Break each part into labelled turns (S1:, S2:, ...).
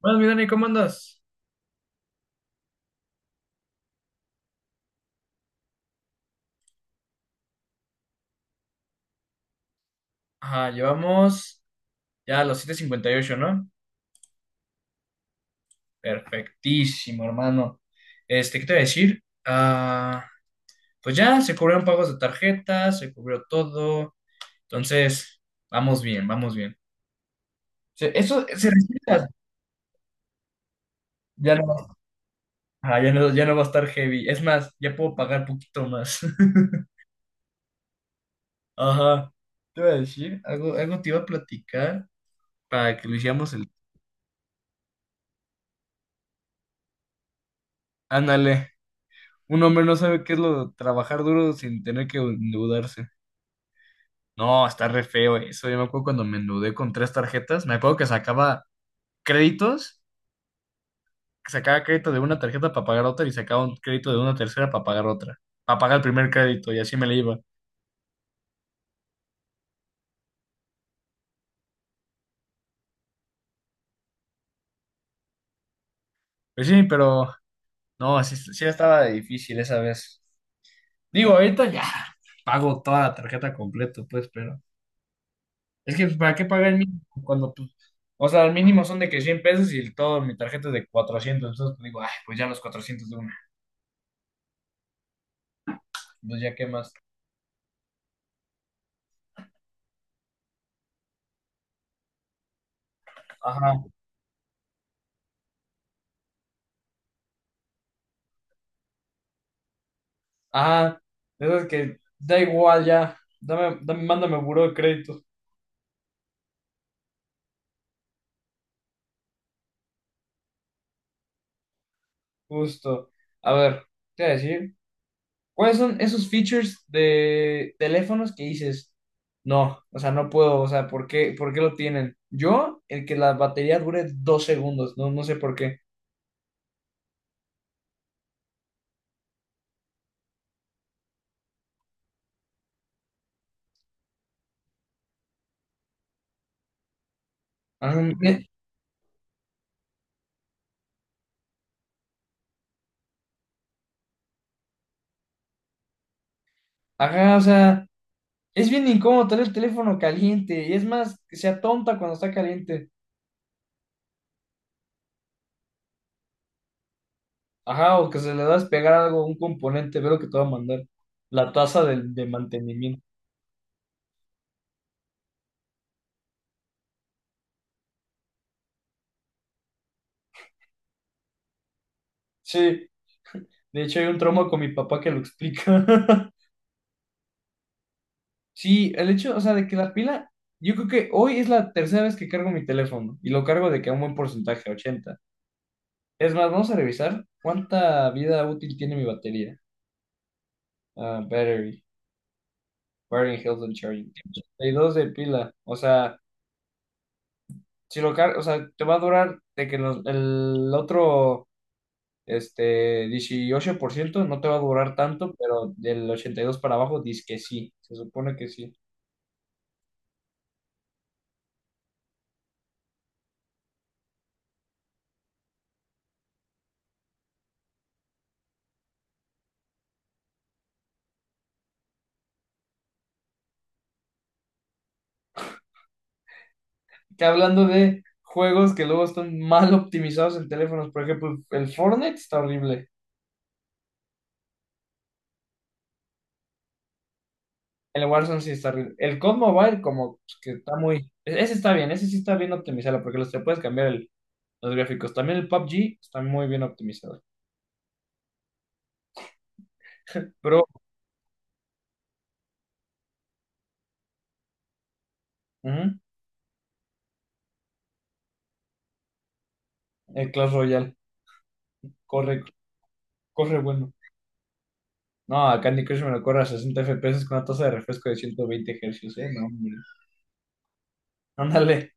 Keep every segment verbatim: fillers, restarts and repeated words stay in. S1: Bueno, mi Dani, ¿cómo andas? Ajá, llevamos ya a los siete cincuenta y ocho, ¿no? Perfectísimo, hermano. Este, ¿qué te voy a decir? Ah, pues ya se cubrieron pagos de tarjeta, se cubrió todo. Entonces, vamos bien, vamos bien. Se- Eso se respeta. Ya no, ajá, ya no, ya no va a estar heavy. Es más, ya puedo pagar poquito más. Ajá. ¿Qué te iba a decir? Algo, algo te iba a platicar para que lo hiciéramos el... Ándale. Un hombre no sabe qué es lo de trabajar duro sin tener que endeudarse. No, está re feo eso. Yo me acuerdo cuando me endeudé con tres tarjetas. Me acuerdo que sacaba créditos, que sacaba crédito de una tarjeta para pagar otra y sacaba un crédito de una tercera para pagar otra, para pagar el primer crédito y así me le iba. Pues sí, pero no, sí, sí estaba difícil esa vez. Digo, ahorita ya pago toda la tarjeta completa, pues, pero... Es que, pues, ¿para qué pagar el mínimo? Cuando, pues, o sea, el mínimo son de que cien pesos y el todo, mi tarjeta es de cuatrocientos. Entonces, pues, digo, ay, pues ya los cuatrocientos de una. Pues ya, ¿qué más? Ajá, ajá. Eso es que da igual ya. Dame, dame, mándame buró de crédito. Justo. A ver, ¿qué voy a decir? ¿Cuáles son esos features de teléfonos que dices? No, o sea, no puedo. O sea, ¿por qué, por qué lo tienen? Yo, el que la batería dure dos segundos, no, no, sé por qué. Ajá, eh, ajá, o sea. Es bien incómodo tener el teléfono caliente, y es más, que sea tonta cuando está caliente. Ajá, o que se le da a despegar algo, un componente, veo que te va a mandar. La tasa del- de mantenimiento. Sí, de hecho hay un trauma con mi papá que lo explica. Sí, el hecho, o sea, de que la pila, yo creo que hoy es la tercera vez que cargo mi teléfono, y lo cargo de que a un buen porcentaje, ochenta. Es más, vamos a revisar cuánta vida útil tiene mi batería. Ah, battery, battery health and charging. Ochenta y dos de pila, o sea... Si lo car- O sea, te va a durar de que los- el otro este, dieciocho por ciento, no te va a durar tanto, pero del ochenta y dos para abajo dice que sí, se supone que sí. Que hablando de juegos que luego están mal optimizados en teléfonos, por ejemplo, el Fortnite está horrible, el Warzone sí está horrible, el C O D Mobile como pues, que está muy... e-, Ese está bien, ese sí está bien optimizado porque los te puedes cambiar el- los gráficos. También el P U B G está muy bien optimizado, pero ujú, el Clash Royale corre, corre bueno. No, a Candy Crush me lo corre a sesenta F P S con una tasa de refresco de ciento veinte Hz, ¿eh? No, hombre. Ándale.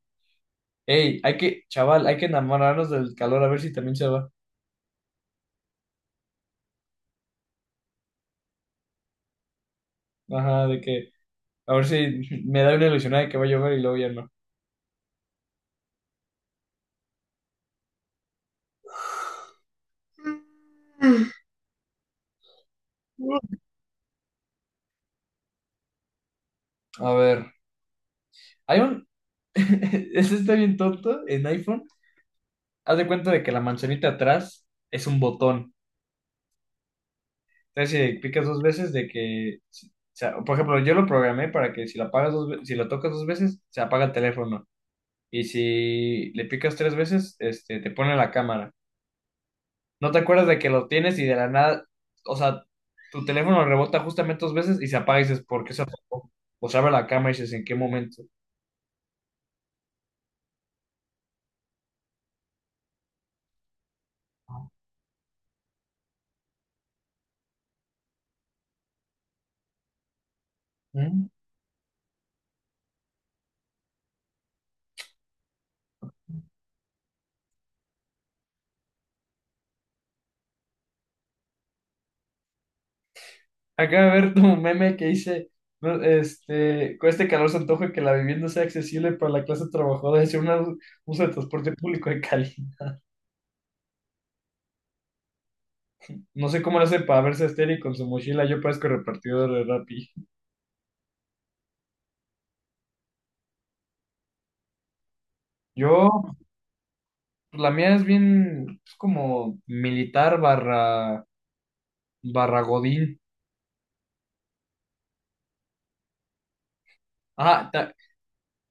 S1: Ey, hay que, chaval, hay que enamorarnos del calor a ver si también se va. Ajá, de que, a ver si me da una ilusionada de que va a llover y luego ya no. A ver, hay un... Este está bien tonto en iPhone. Haz de cuenta de que la manzanita atrás es un botón. Entonces, si picas dos veces, de que... O sea, por ejemplo, yo lo programé para que si la apagas dos ve- si lo tocas dos veces, se apaga el teléfono. Y si le picas tres veces, este, te pone la cámara. No te acuerdas de que lo tienes y de la nada, o sea, tu teléfono rebota justamente dos veces y se apaga y dices, ¿por qué se apagó? O se abre la cámara y dices, ¿en qué momento? Mm. Acaba de ver tu meme que dice, no, este, con este calor se antoja que la vivienda sea accesible para la clase trabajadora, es una uso de transporte público en Cali. No sé cómo lo hace para verse estéril con su mochila, yo parezco repartidor de Rappi. Yo Pues la mía es bien, es como militar barra, barra Godín. Ah, ta-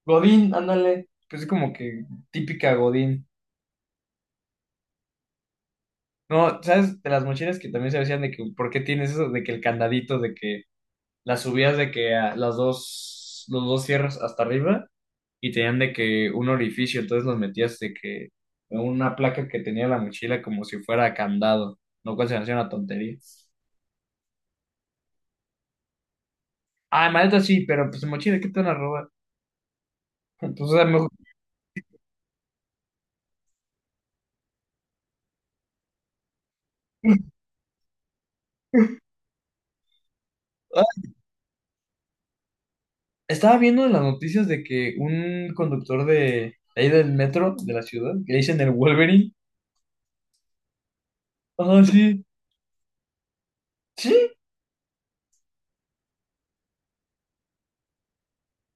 S1: Godín, ándale. Pues es como que típica Godín. No, ¿sabes? De las mochilas que también se decían de que, ¿por qué tienes eso? De que el candadito, de que las subías de que a las dos, los dos cierras hasta arriba y tenían de que un orificio, entonces los metías de que una placa que tenía la mochila como si fuera candado, lo cual se me hacía una tontería. Ah, maleta sí, pero pues mochila, ¿qué te van a robar? Entonces, ah, estaba viendo en las noticias de que un conductor de, de ahí del metro de la ciudad, que le dicen el Wolverine. Ah, sí. ¿Sí?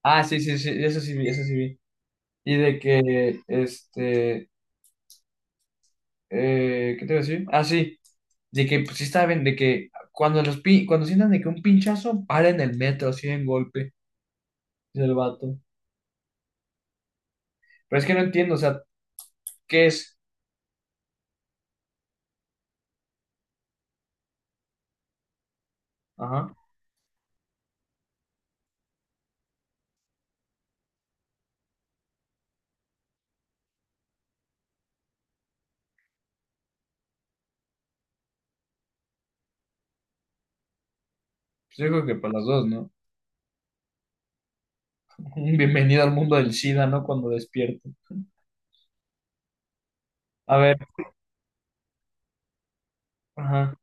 S1: Ah, sí, sí, sí, eso sí vi, eso sí vi. Y de que, este, eh, ¿qué te iba a decir? Ah, sí, de que, pues sí estaba bien, de que cuando los pi- cuando sientan de que un pinchazo, paren el metro, así en golpe, dice el vato. Pero es que no entiendo, o sea, ¿qué es? Ajá. Pues yo creo que para las dos, ¿no? Un bienvenido al mundo del SIDA, ¿no? Cuando despierto. A ver, ajá.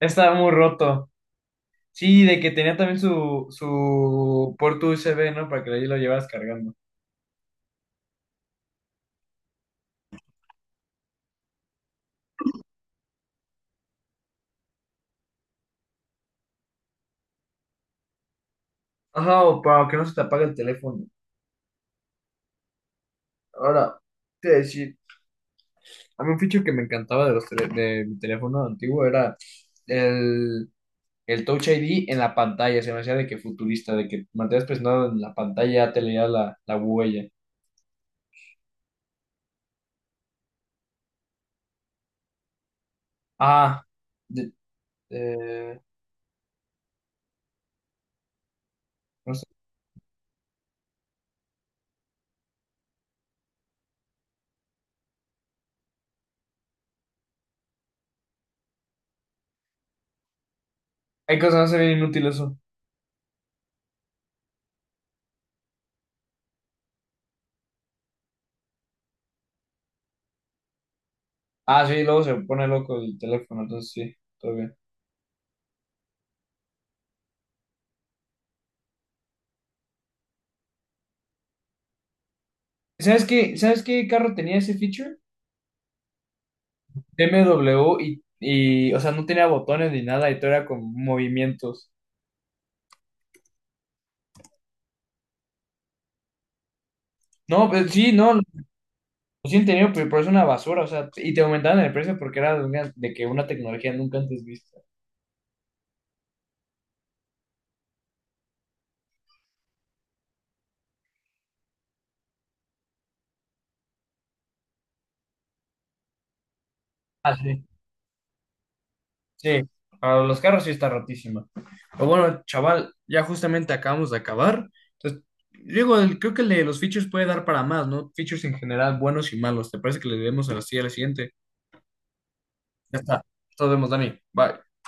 S1: Estaba muy roto. Sí, de que tenía también su, su puerto U S B, ¿no? Para que ahí lo llevas cargando. Ajá, o para que no se te apague el teléfono. Ahora, te voy a decir, a mí un feature que me encantaba de, los tele- de mi teléfono antiguo era el, el Touch I D en la pantalla. Se me hacía de que futurista, de que mantenías presionado en la pantalla, te leía la, la huella. Ah, De- eh, no sé. Hay cosas que no se ven, inútil eso. Ah, sí, luego se pone loco el teléfono, entonces sí, todo bien. ¿Sabes qué? ¿Sabes qué carro tenía ese feature? B M W y, y, o sea, no tenía botones ni nada y todo era con movimientos. No, pues sí, no, lo sí tenido, pero, pero es una basura, o sea, y te aumentaban el precio porque era de, una- de que una tecnología nunca antes vista. Ah, sí. Sí, para los carros sí está rotísima. Pero bueno, chaval, ya justamente acabamos de acabar. Entonces, digo, el- creo que el de los features puede dar para más, ¿no? Features en general, buenos y malos. ¿Te parece que le debemos así a la siguiente? Ya está. Nos vemos, Dani. Bye.